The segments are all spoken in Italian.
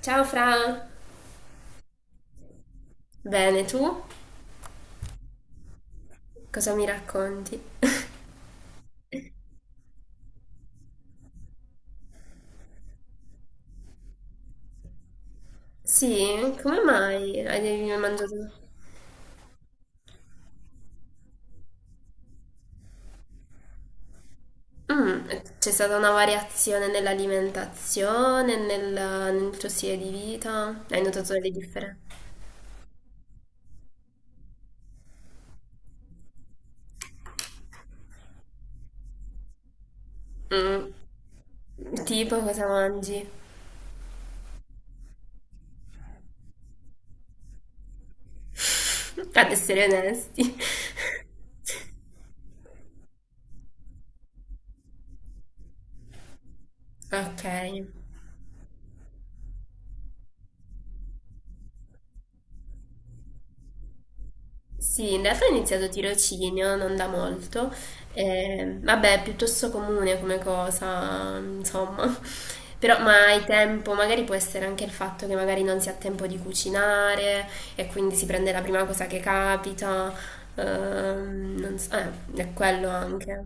Ciao Fra, bene tu? Cosa mi racconti? Sì, come mai hai mangiato? Mm, c'è stata una variazione nell'alimentazione, nel, nel tuo stile di vita? Hai notato delle differenze? Mm, tipo cosa mangi? Ad essere onesti. Ok. Sì, in realtà ho iniziato tirocinio non da molto, vabbè, è piuttosto comune come cosa, insomma, però ma hai tempo, magari può essere anche il fatto che magari non si ha tempo di cucinare e quindi si prende la prima cosa che capita, non so, è quello anche.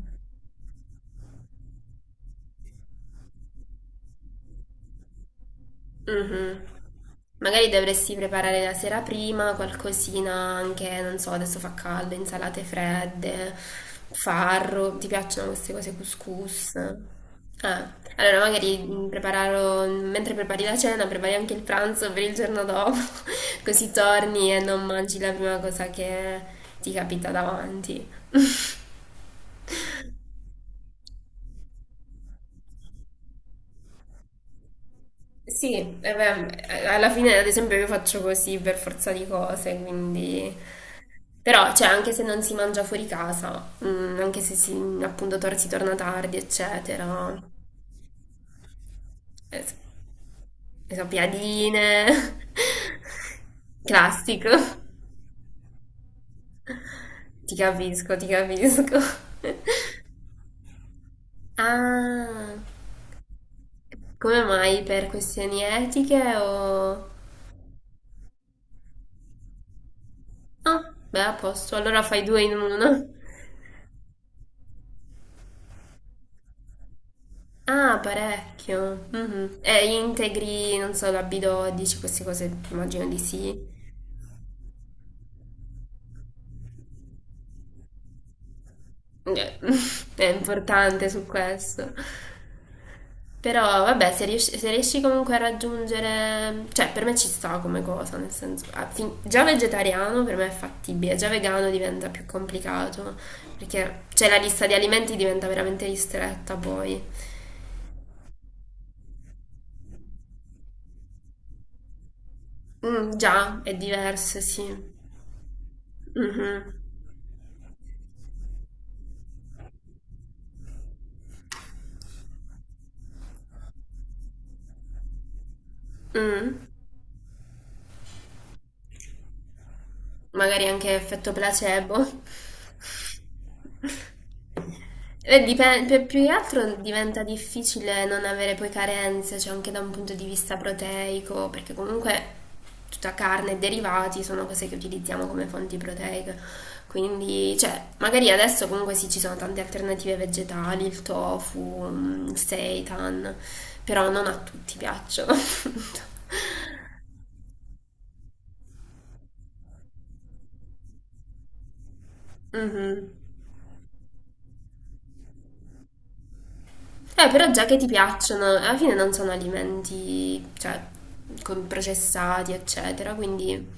Mhm. Magari dovresti preparare la sera prima qualcosina anche, non so, adesso fa caldo, insalate fredde, farro, ti piacciono queste cose couscous? Ah, allora magari prepararlo, mentre prepari la cena, prepari anche il pranzo per il giorno dopo, così torni e non mangi la prima cosa che ti capita davanti. Sì, eh beh, alla fine ad esempio io faccio così per forza di cose, quindi... Però, cioè, anche se non si mangia fuori casa, mm, anche se si, si torna tardi, eccetera, eh, s- le sappiadine, classico. Ti capisco, ti capisco. Ah, come mai? Per questioni etiche o... Ah, beh, a posto, allora fai due in uno. Ah, parecchio. Mhm. E integri, non so, la B12, queste cose immagino di sì. Eh, è importante su questo. Però vabbè, se riesci, se riesci comunque a raggiungere, cioè per me ci sta come cosa, nel senso, già vegetariano per me è fattibile, già vegano diventa più complicato, perché cioè la lista di alimenti diventa veramente ristretta poi. Mm, già, è diverso, sì. Mhm. Mm. Magari anche effetto placebo. E più che altro diventa difficile non avere poi carenze, cioè anche da un punto di vista proteico, perché comunque tutta carne e derivati sono cose che utilizziamo come fonti proteiche. Quindi, cioè, magari adesso comunque sì, ci sono tante alternative vegetali, il tofu, mm, il seitan, però non a tutti piacciono. Mhm. Però già che ti piacciono, alla fine non sono alimenti, cioè, con processati, eccetera, quindi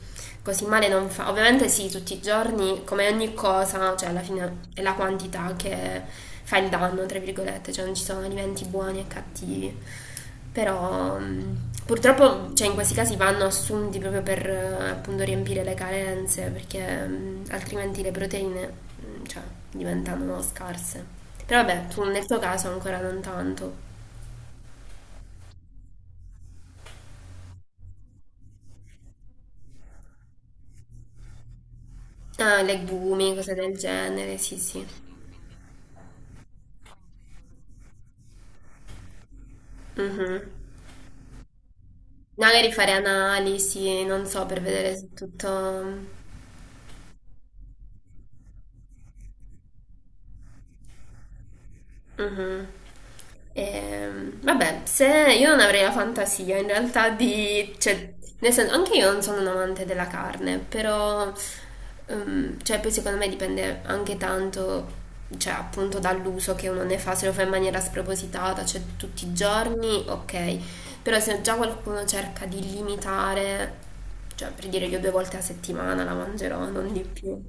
così male non fa. Ovviamente sì, tutti i giorni, come ogni cosa, cioè alla fine è la quantità che fa il danno, tra virgolette, cioè non ci sono alimenti buoni e cattivi. Però purtroppo, cioè, in questi casi vanno assunti proprio per appunto riempire le carenze, perché altrimenti le proteine mm, cioè, diventano scarse. Però vabbè, tu nel tuo caso ancora non tanto. Ah, legumi, cose del genere, sì, sì. Mhm. Magari fare analisi, non so, per vedere se tutto... mm, mhm. Vabbè, se io non avrei la fantasia in realtà di, cioè, nel senso, anche io non sono un amante della carne, però, cioè, poi secondo me dipende anche tanto, cioè, appunto dall'uso che uno ne fa, se lo fa in maniera spropositata, cioè tutti i giorni, ok, però se già qualcuno cerca di limitare, cioè, per dire io due volte a settimana la mangerò, non di più,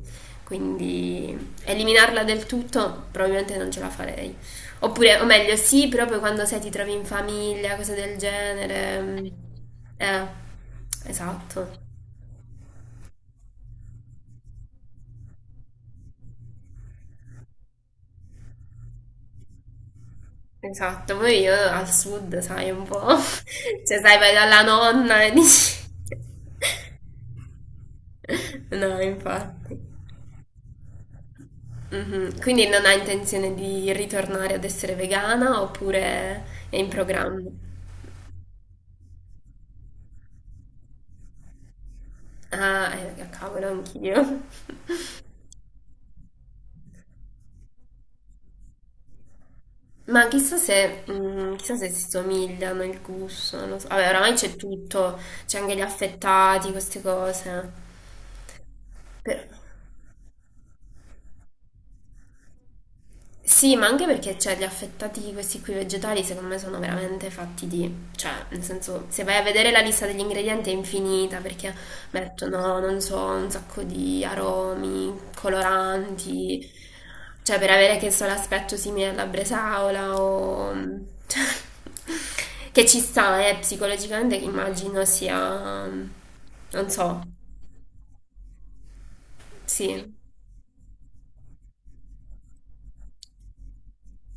quindi eliminarla del tutto probabilmente non ce la farei. Oppure, o meglio, sì, però poi quando sei ti trovi in famiglia, cose del genere. Eh, esatto, esatto. Poi io al sud, sai, un po'. Cioè, sai, vai dalla nonna e dici... No, infatti. Mhm. Quindi non hai intenzione di ritornare ad essere vegana oppure è in programma? Ah, cavolo, anch'io. Ma chissà se, mm, chissà se si somigliano il gusto, non lo so. Vabbè, oramai c'è tutto, c'è anche gli affettati, queste cose. Però- sì, ma anche perché cioè, gli affettati, questi qui vegetali, secondo me sono veramente fatti di... Cioè, nel senso, se vai a vedere la lista degli ingredienti è infinita perché mettono, non so, un sacco di aromi, coloranti, cioè per avere che so l'aspetto simile alla bresaola o... cioè, che ci sta, psicologicamente immagino sia... non so, sì,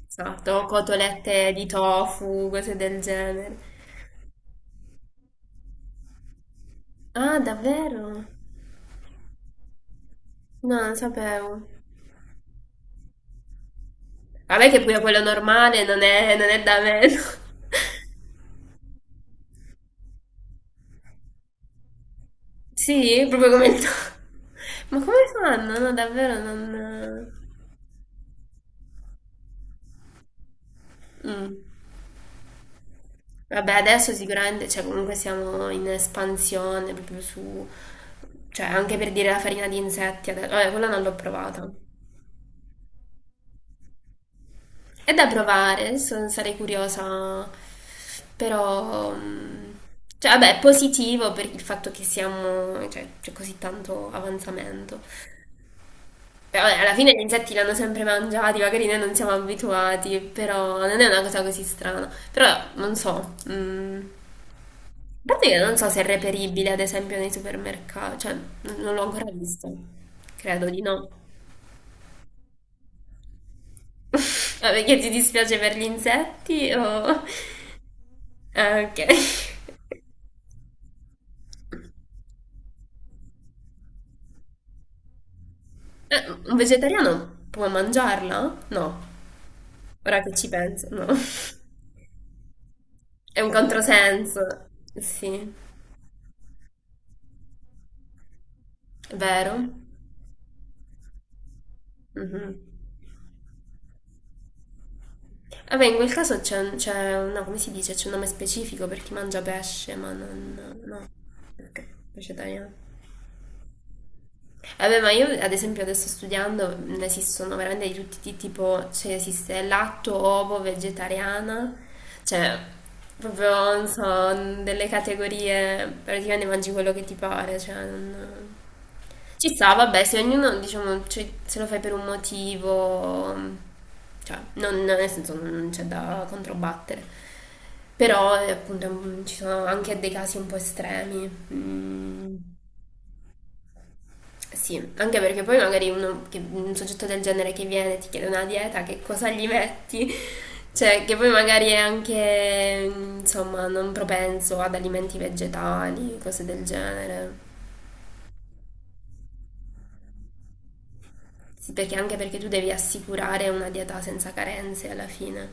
esatto, cotolette di tofu, cose del genere. Ah, davvero? No, non sapevo. Vabbè che pure quello normale non è, non è da meno. Sì, proprio come il tuo. Ma come fanno? No, davvero non... Mm. Vabbè, adesso sicuramente, cioè comunque siamo in espansione proprio su... Cioè, anche per dire la farina di insetti, vabbè, quella non l'ho provata. È da provare, sarei curiosa, però... mm, cioè, vabbè, è positivo per il fatto che siamo... Cioè, c'è così tanto avanzamento. Beh, vabbè, alla fine gli insetti li hanno sempre mangiati, magari noi non siamo abituati, però non è una cosa così strana. Però non so, mm, a parte che non so se è reperibile ad esempio nei supermercati, cioè non l'ho ancora visto, credo di no. Ma perché ti dispiace per gli insetti? O... Ah, ok. Un vegetariano può mangiarla? No, ora che ci penso, no. È un controsenso. Sì, è vero. Mhm. Vabbè, in quel caso c'è, c'è no, come si dice? C'è un nome specifico per chi mangia pesce, ma non... No, perché vegetariano. Vabbè, ma io ad esempio adesso studiando ne esistono veramente di tutti i tipi, tipo, cioè esiste latto, ovo, vegetariana, cioè proprio, non so, delle categorie, praticamente mangi quello che ti pare, cioè non... Ci sta, vabbè, se ognuno, diciamo, cioè, se lo fai per un motivo, cioè, non, nel senso non c'è da controbattere. Però, appunto, mm, ci sono anche dei casi un po' estremi. Mm, sì, anche perché poi magari un soggetto del genere che viene e ti chiede una dieta, che cosa gli metti? Cioè, che poi magari è anche, insomma, non propenso ad alimenti vegetali, cose del genere. Sì, perché anche perché tu devi assicurare una dieta senza carenze alla fine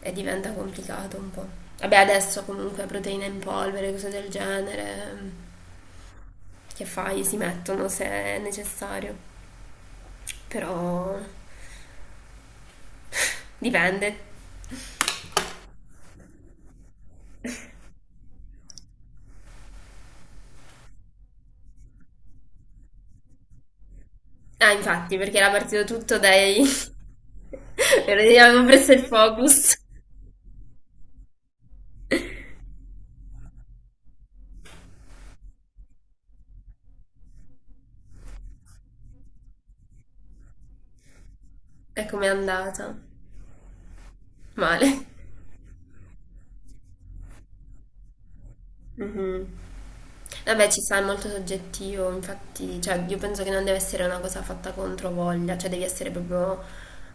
e diventa complicato un po'. Vabbè, adesso comunque proteine in polvere, cose del genere, che fai? Si mettono se è necessario, però dipende. Ah, infatti, perché era partito tutto dai... Avevo preso il focus. E com'è andata? Male. Mhm. Vabbè, ci sta, è molto soggettivo, infatti, cioè, io penso che non deve essere una cosa fatta contro voglia, cioè devi essere proprio...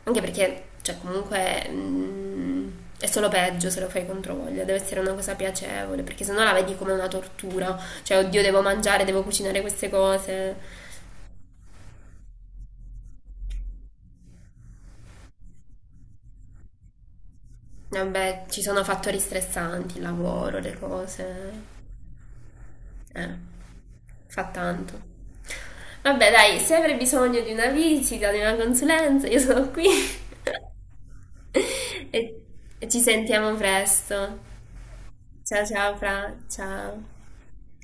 anche perché, cioè, comunque mm, è solo peggio se lo fai contro voglia, deve essere una cosa piacevole, perché sennò la vedi come una tortura, cioè, oddio, devo mangiare, devo cucinare queste cose. Vabbè, ci sono fattori stressanti, il lavoro, le cose, eh, fa tanto. Vabbè, dai, se avrai bisogno di una visita, di una consulenza, io sono qui. E ci sentiamo presto. Ciao ciao Fra, ciao.